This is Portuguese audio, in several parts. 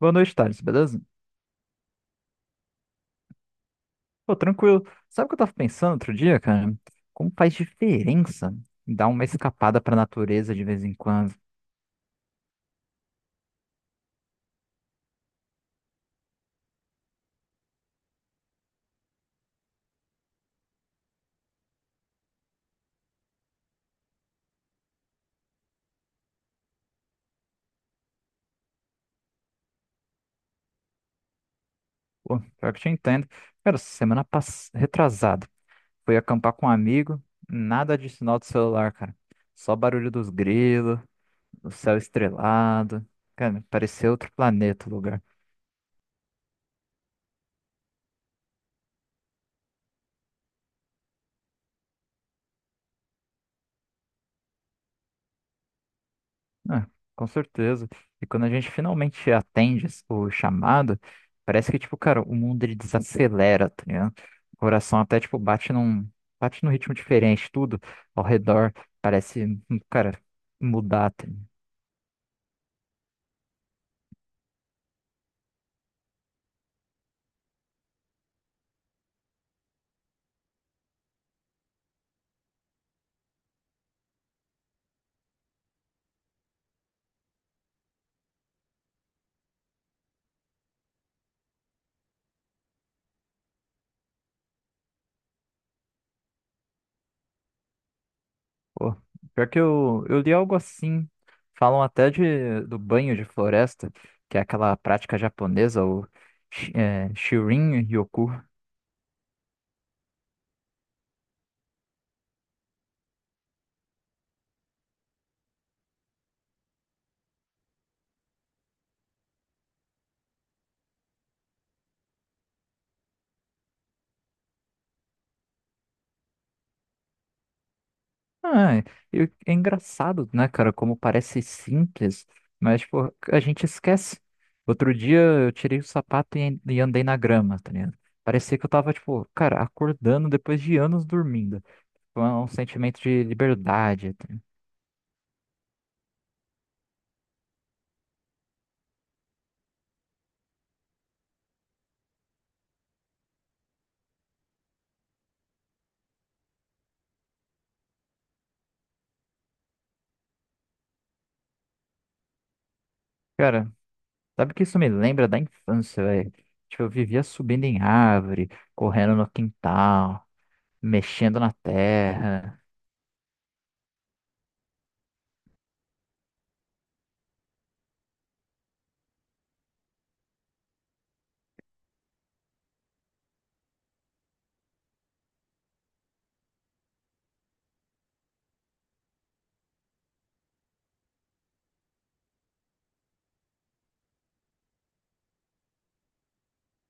Boa noite, Thales, beleza? Pô, tranquilo. Sabe o que eu tava pensando outro dia, cara? Como faz diferença dar uma escapada pra natureza de vez em quando? Pô, pior que eu te entendo. Cara, semana passada, retrasado, fui acampar com um amigo, nada de sinal do celular, cara. Só barulho dos grilos, o céu estrelado. Cara, parecia outro planeta o lugar. Ah, com certeza. E quando a gente finalmente atende o chamado, parece que, tipo, cara, o mundo ele desacelera, tá ligado? O coração até, tipo, bate num ritmo diferente, tudo ao redor parece, cara, mudar, tá ligado? Pô, pior que eu li algo assim, falam até do banho de floresta, que é aquela prática japonesa, o Shirin Ryoku. Ah, e é engraçado, né, cara, como parece simples, mas, pô, a gente esquece. Outro dia eu tirei o sapato e andei na grama, tá ligado? Parecia que eu tava, tipo, cara, acordando depois de anos dormindo. Foi um sentimento de liberdade, tá ligado? Cara, sabe que isso me lembra da infância, velho? Tipo, eu vivia subindo em árvore, correndo no quintal, mexendo na terra.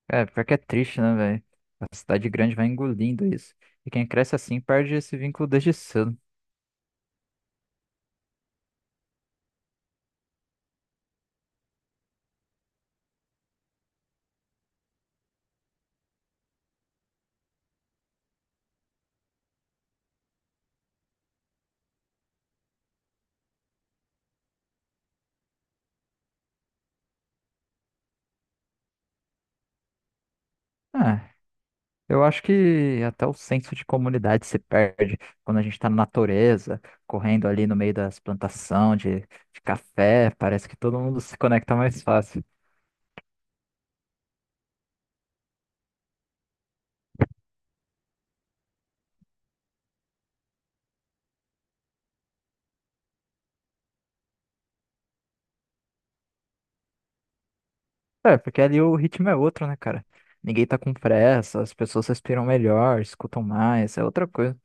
É, pior que é triste, né, velho? A cidade grande vai engolindo isso. E quem cresce assim perde esse vínculo desde cedo. Ah, eu acho que até o senso de comunidade se perde quando a gente tá na natureza, correndo ali no meio das plantações de café. Parece que todo mundo se conecta mais fácil. É, porque ali o ritmo é outro, né, cara? Ninguém tá com pressa, as pessoas respiram melhor, escutam mais, é outra coisa.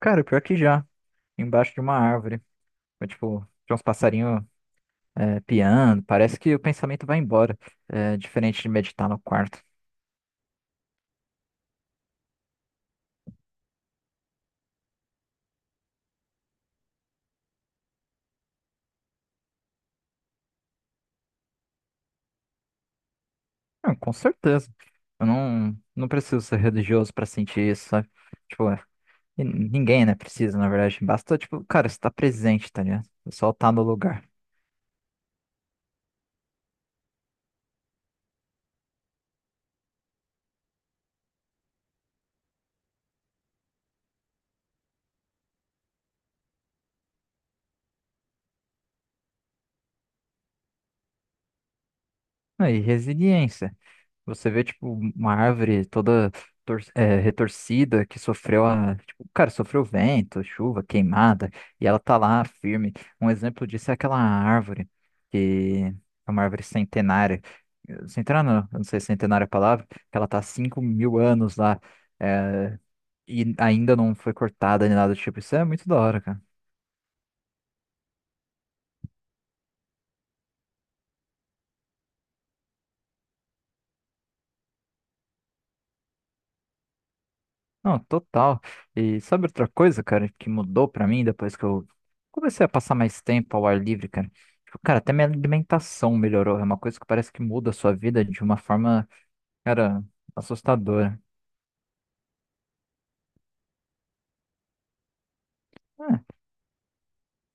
Cara, pior que já, embaixo de uma árvore. Foi, tipo, tinha uns passarinhos. É, piano, parece que o pensamento vai embora, é, diferente de meditar no quarto. Ah, com certeza. Eu não, não preciso ser religioso para sentir isso, sabe? Tipo, é, e ninguém, né, precisa, na verdade. Basta, tipo, cara, estar presente, tá ligado? Só estar no lugar. Ah, e resiliência. Você vê, tipo, uma árvore toda retorcida, que tipo, cara, sofreu vento, chuva, queimada, e ela tá lá firme. Um exemplo disso é aquela árvore, que é uma árvore centenária. Centenária, não, eu não sei se centenária é a palavra, que ela tá há 5 mil anos lá, é, e ainda não foi cortada nem nada do tipo. Isso é muito da hora, cara. Não, total. E sabe outra coisa, cara, que mudou pra mim depois que eu comecei a passar mais tempo ao ar livre, cara? Tipo, cara, até minha alimentação melhorou. É uma coisa que parece que muda a sua vida de uma forma, cara, assustadora. É,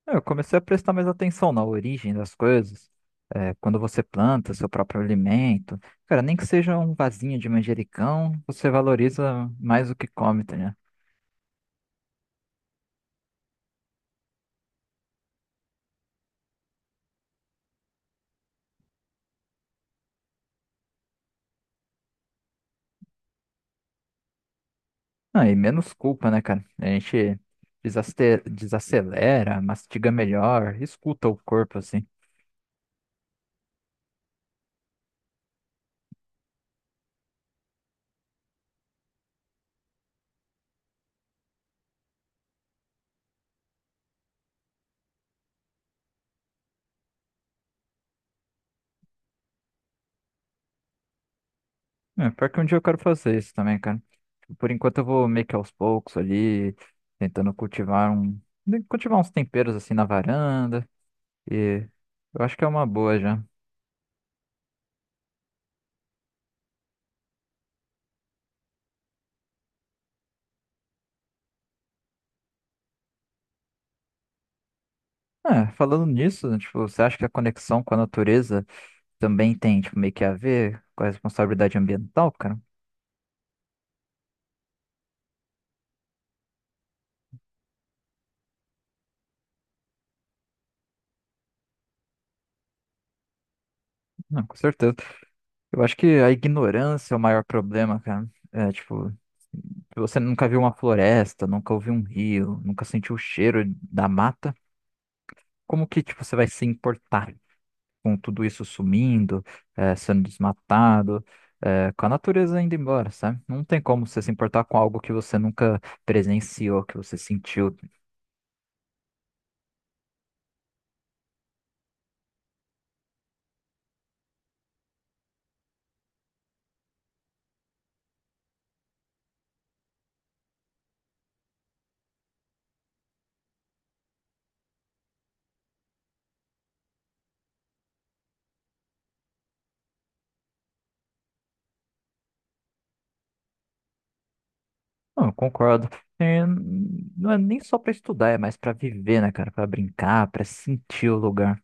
eu comecei a prestar mais atenção na origem das coisas. É, quando você planta seu próprio alimento, cara, nem que seja um vasinho de manjericão, você valoriza mais o que come, tá. Ah, e menos culpa, né, cara? A gente desacelera, mastiga melhor, escuta o corpo, assim. É, pior que um dia eu quero fazer isso também, cara. Por enquanto eu vou meio que aos poucos ali, tentando cultivar uns temperos, assim, na varanda. E eu acho que é uma boa já. É, falando nisso, né, tipo, você acha que a conexão com a natureza também tem, tipo, meio que a ver com a responsabilidade ambiental, cara? Não, com certeza. Eu acho que a ignorância é o maior problema, cara. É, tipo... Você nunca viu uma floresta, nunca ouviu um rio, nunca sentiu o cheiro da mata. Como que, tipo, você vai se importar com tudo isso sumindo, sendo desmatado, com a natureza indo embora, sabe? Não tem como você se importar com algo que você nunca presenciou, que você sentiu. Não, eu concordo. É, não é nem só para estudar, é mais para viver, né, cara? Para brincar, para sentir o lugar.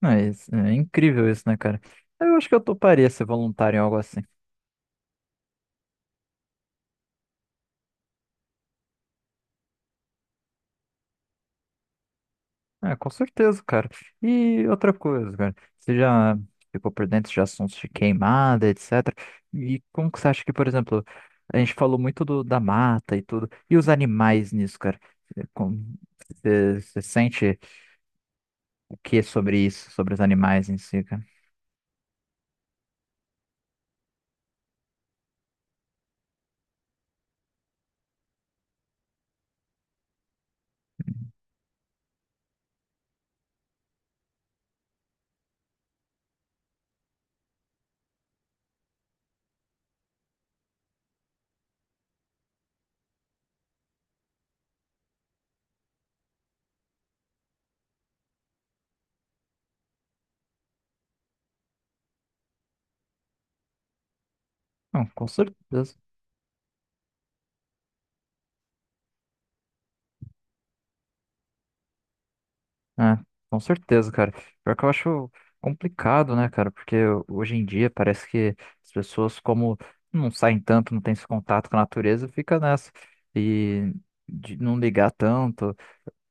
Não, é, é incrível isso, né, cara? Eu acho que eu toparia ser voluntário em algo assim. É, com certeza, cara. E outra coisa, cara, você já ficou por dentro de assuntos de queimada, etc. E como que você acha que, por exemplo, a gente falou muito da mata e tudo, e os animais nisso, cara? É. Você sente o que sobre isso, sobre os animais em si, cara? Não, com certeza. É, com certeza, cara. Pior que eu acho complicado, né, cara? Porque hoje em dia parece que as pessoas, como não saem tanto, não têm esse contato com a natureza, fica nessa. E de não ligar tanto.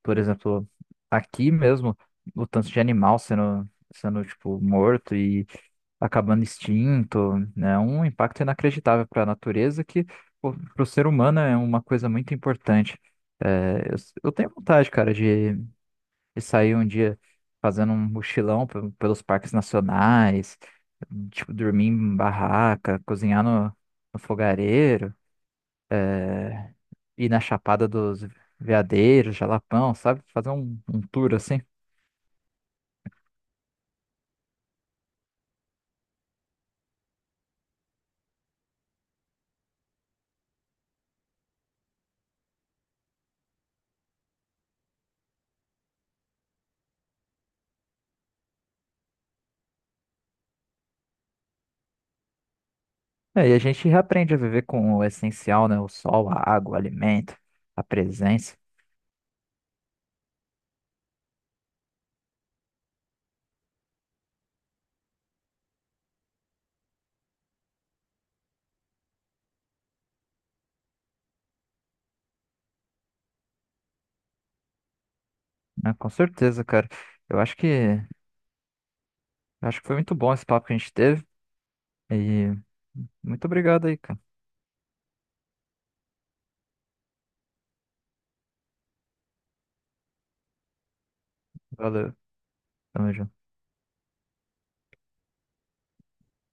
Por exemplo, aqui mesmo, o tanto de animal sendo tipo, morto e acabando extinto, né? Um impacto inacreditável para a natureza que, para o ser humano, é uma coisa muito importante. É, eu tenho vontade, cara, de e sair um dia fazendo um mochilão pelos parques nacionais, tipo, dormir em barraca, cozinhar no fogareiro, ir na Chapada dos Veadeiros, Jalapão, sabe? Fazer um tour assim. É, e a gente aprende a viver com o essencial, né? O sol, a água, o alimento, a presença, né? Com certeza, cara. Eu acho que foi muito bom esse papo que a gente teve. E muito obrigado aí, cara. Valeu. Tamo junto.